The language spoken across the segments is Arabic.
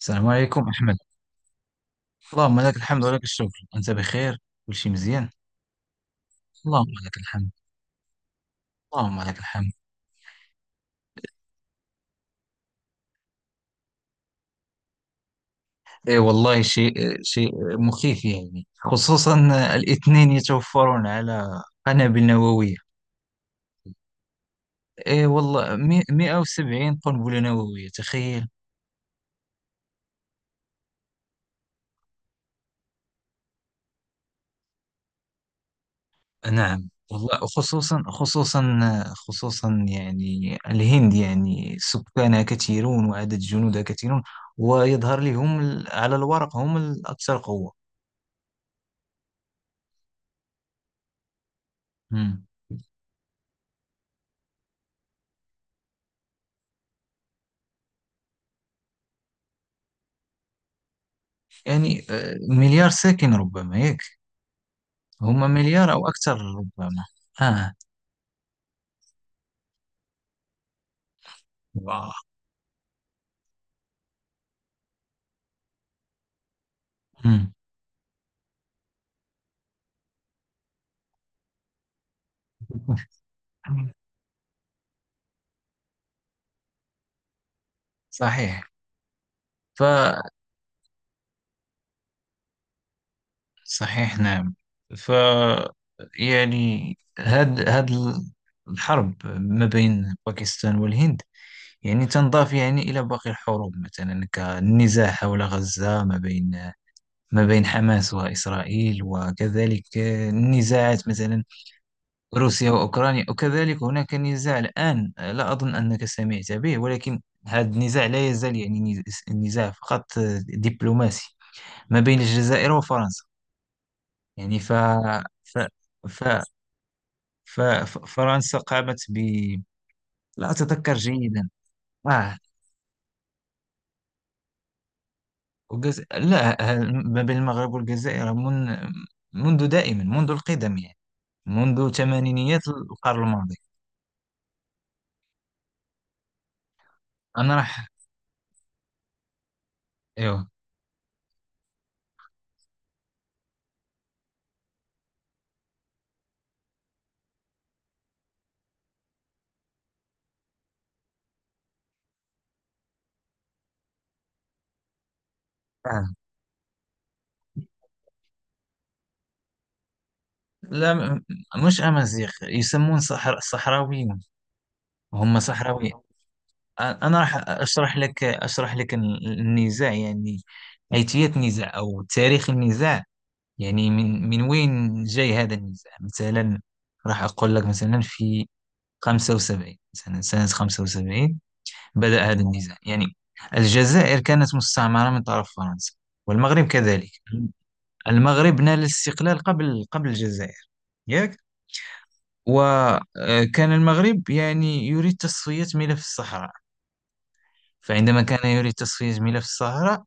السلام عليكم أحمد. اللهم لك الحمد ولك الشكر، أنت بخير؟ كل شيء مزيان؟ اللهم لك الحمد. اللهم لك الحمد. إيه والله، شيء مخيف يعني، خصوصا الاثنين يتوفرون على قنابل نووية. إيه والله، 170 قنبلة نووية، تخيل. نعم والله، خصوصا خصوصا يعني الهند، يعني سكانها كثيرون وعدد جنودها كثيرون، ويظهر لي هم على الورق هم الأكثر قوة. مم. يعني مليار ساكن ربما، ياك؟ هما مليار أو أكثر ربما. آه. واو. مم. صحيح. ف صحيح نعم. ف يعني هاد الحرب ما بين باكستان والهند، يعني تنضاف يعني إلى باقي الحروب، مثلا كالنزاع حول غزة ما بين ما بين حماس وإسرائيل، وكذلك النزاعات مثلا روسيا وأوكرانيا. وكذلك هناك نزاع الآن، لا أظن أنك سمعت به، ولكن هذا النزاع لا يزال يعني نزاع فقط دبلوماسي، ما بين الجزائر وفرنسا. يعني ف... ف... فرنسا قامت ب، لا أتذكر جيدا. آه. لا، ما بين المغرب والجزائر منذ دائما، منذ القدم يعني، منذ ثمانينيات القرن الماضي. أنا راح. أيوه. آه. لا م- مش أمازيغ، يسمون صحراويين، هم صحراويين. أنا راح أشرح لك، أشرح لك النزاع يعني، أيتية النزاع أو تاريخ النزاع يعني، من وين جاي هذا النزاع مثلا. راح أقول لك مثلا في 75، مثلا سنة 75 بدأ هذا النزاع يعني. الجزائر كانت مستعمرة من طرف فرنسا، والمغرب كذلك. المغرب نال الاستقلال قبل الجزائر، ياك؟ وكان المغرب يعني يريد تصفية ملف الصحراء. فعندما كان يريد تصفية ملف الصحراء،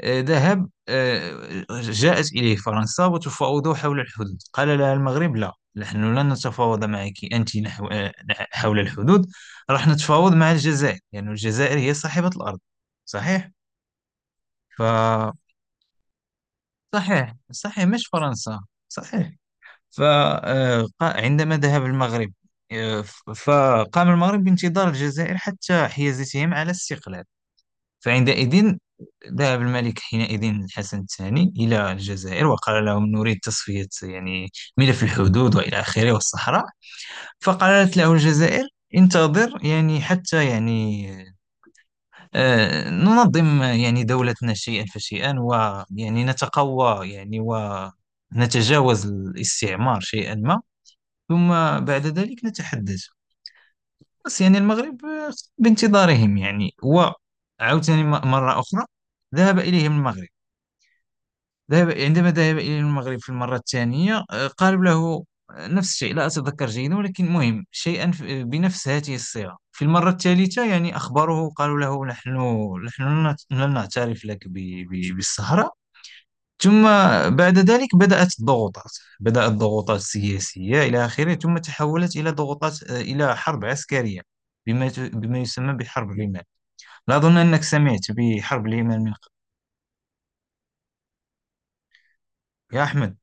آه، ذهب آه، جاءت إليه فرنسا وتفاوضوا حول الحدود. قال لها المغرب: لا، نحن لن نتفاوض معك أنت نحو حول الحدود، راح نتفاوض مع الجزائر، لأن الجزائر هي صاحبة الأرض. صحيح. ف صحيح، مش فرنسا، صحيح. فعندما ذهب المغرب، فقام المغرب بانتظار الجزائر حتى حيازتهم على الاستقلال. فعندئذ ذهب الملك حينئذ الحسن الثاني إلى الجزائر، وقال لهم: نريد تصفية يعني ملف الحدود وإلى آخره والصحراء. فقالت له الجزائر: انتظر يعني، حتى يعني ننظم يعني دولتنا شيئا فشيئا، ويعني نتقوى يعني ونتجاوز الاستعمار شيئا ما، ثم بعد ذلك نتحدث. بس يعني المغرب بانتظارهم يعني. وعاوتاني مرة أخرى ذهب إليهم المغرب. ذهب، عندما ذهب إليهم المغرب في المرة الثانية، قالوا له نفس الشيء، لا أتذكر جيدا ولكن مهم شيئا، بنفس هذه الصيغة. في المرة الثالثة يعني أخبروه، قالوا له: نحن لن نعترف لك بالسهرة. ثم بعد ذلك بدأت الضغوطات، بدأت الضغوطات السياسية إلى آخره، ثم تحولت إلى ضغوطات إلى حرب عسكرية، بما يسمى بحرب اليمن. لا أظن أنك سمعت بحرب اليمن من قبل، يا أحمد.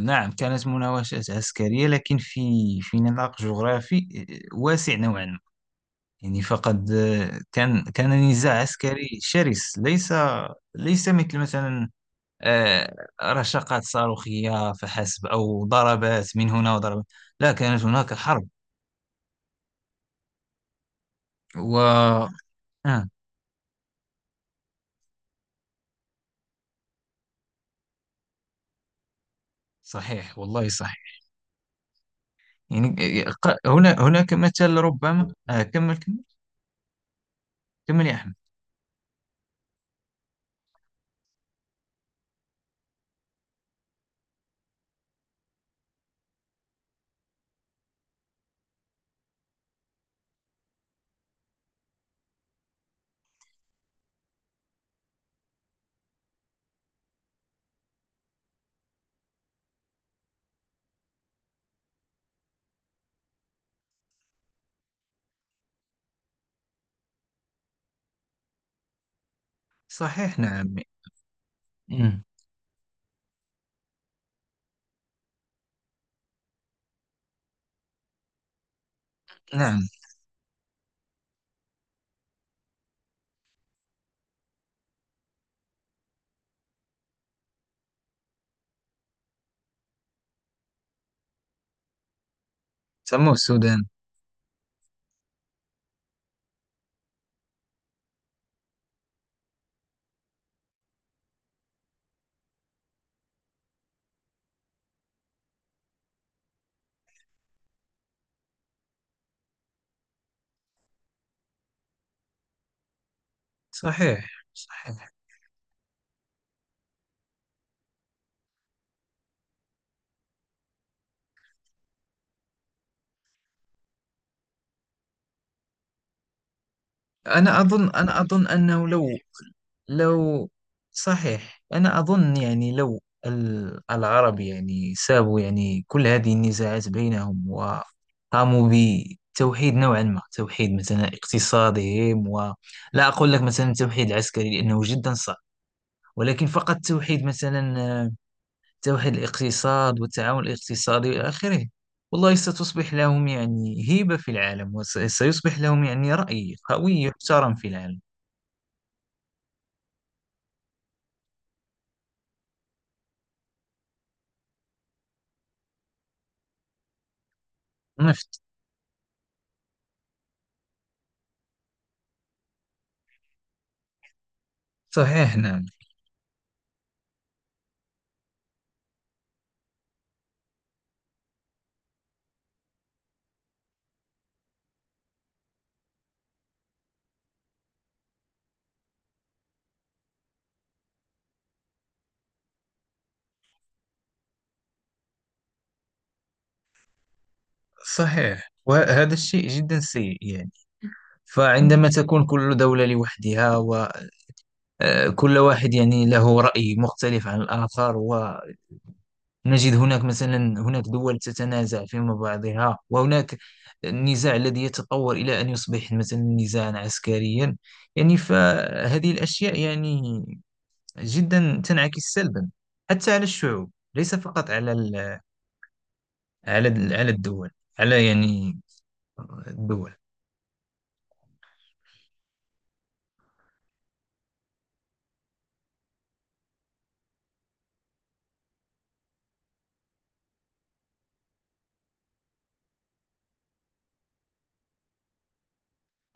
نعم كانت مناوشات عسكرية، لكن في في نطاق جغرافي واسع نوعا ما، يعني. فقد كان نزاع عسكري شرس، ليس مثل مثلا رشقات صاروخية فحسب، أو ضربات من هنا وضربات، لا، كانت هناك حرب. و، آه. صحيح، والله صحيح، يعني. هنا هناك مثل، ربما. آه، كمل، كمل يا أحمد. صحيح نعم. مم. نعم، سموه السودان. صحيح صحيح. أنا أظن أنه لو، لو، صحيح. أنا أظن يعني لو العرب يعني سابوا يعني كل هذه النزاعات بينهم، وقاموا بتوحيد نوعا ما، توحيد مثلا اقتصادهم، ولا أقول لك مثلا توحيد العسكري، لأنه جدا صعب. ولكن فقط توحيد مثلا توحيد الاقتصاد والتعاون الاقتصادي إلى آخره، والله ستصبح لهم يعني هيبة في العالم، وسيصبح لهم يعني رأي قوي يحترم في العالم. نفط. صحيح نعم. صحيح، وهذا الشيء جدا سيء يعني. فعندما تكون كل دولة لوحدها، وكل واحد يعني له رأي مختلف عن الآخر، ونجد هناك مثلا، هناك دول تتنازع فيما بعضها، وهناك النزاع الذي يتطور إلى أن يصبح مثلا نزاعا عسكريا، يعني فهذه الأشياء يعني جدا تنعكس سلبا حتى على الشعوب، ليس فقط على على الدول، على يعني الدول.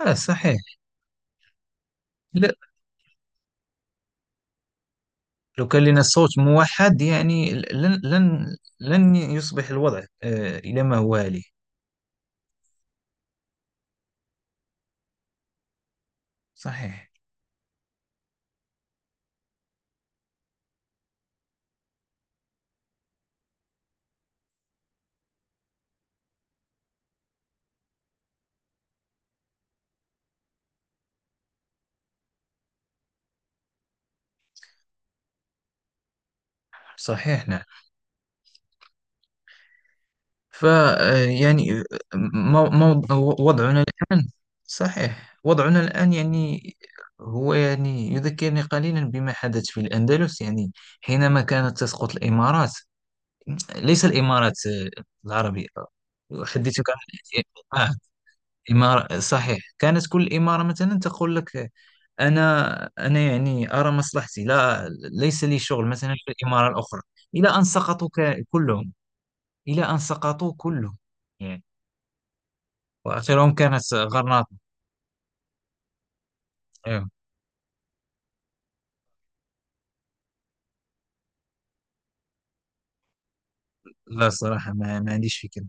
آه. صحيح. لو كان لنا صوت موحد، يعني لن يصبح الوضع إلى ما هو عليه. صحيح. صحيح نعم. ف آه، يعني آه، مو- مو- وضعنا الآن. صحيح، وضعنا الآن يعني هو يعني يذكرني قليلا بما حدث في الأندلس، يعني حينما كانت تسقط الإمارات، ليس الإمارات العربية. أحدثك عن، آه، إمارة. صحيح، كانت كل إمارة مثلا تقول لك: أنا أنا يعني أرى مصلحتي، لا ليس لي شغل مثلا في الإمارة الأخرى، إلى أن سقطوا كلهم. إلى أن سقطوا كلهم يعني، وآخرهم كانت غرناطة. أيوه. لا صراحة ما عنديش فكرة.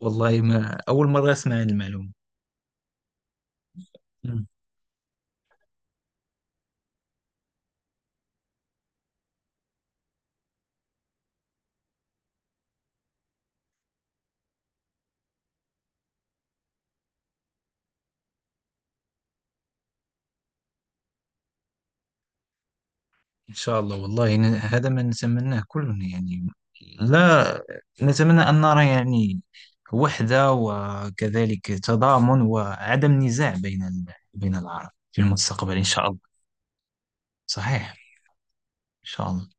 والله ما أول مرة أسمع عن المعلومة. مم. إن شاء الله، والله، هذا ما نتمناه كلنا يعني. لا، نتمنى أن نرى يعني وحدة، وكذلك تضامن وعدم نزاع بين بين العرب في المستقبل إن شاء الله. صحيح. ان شاء الله.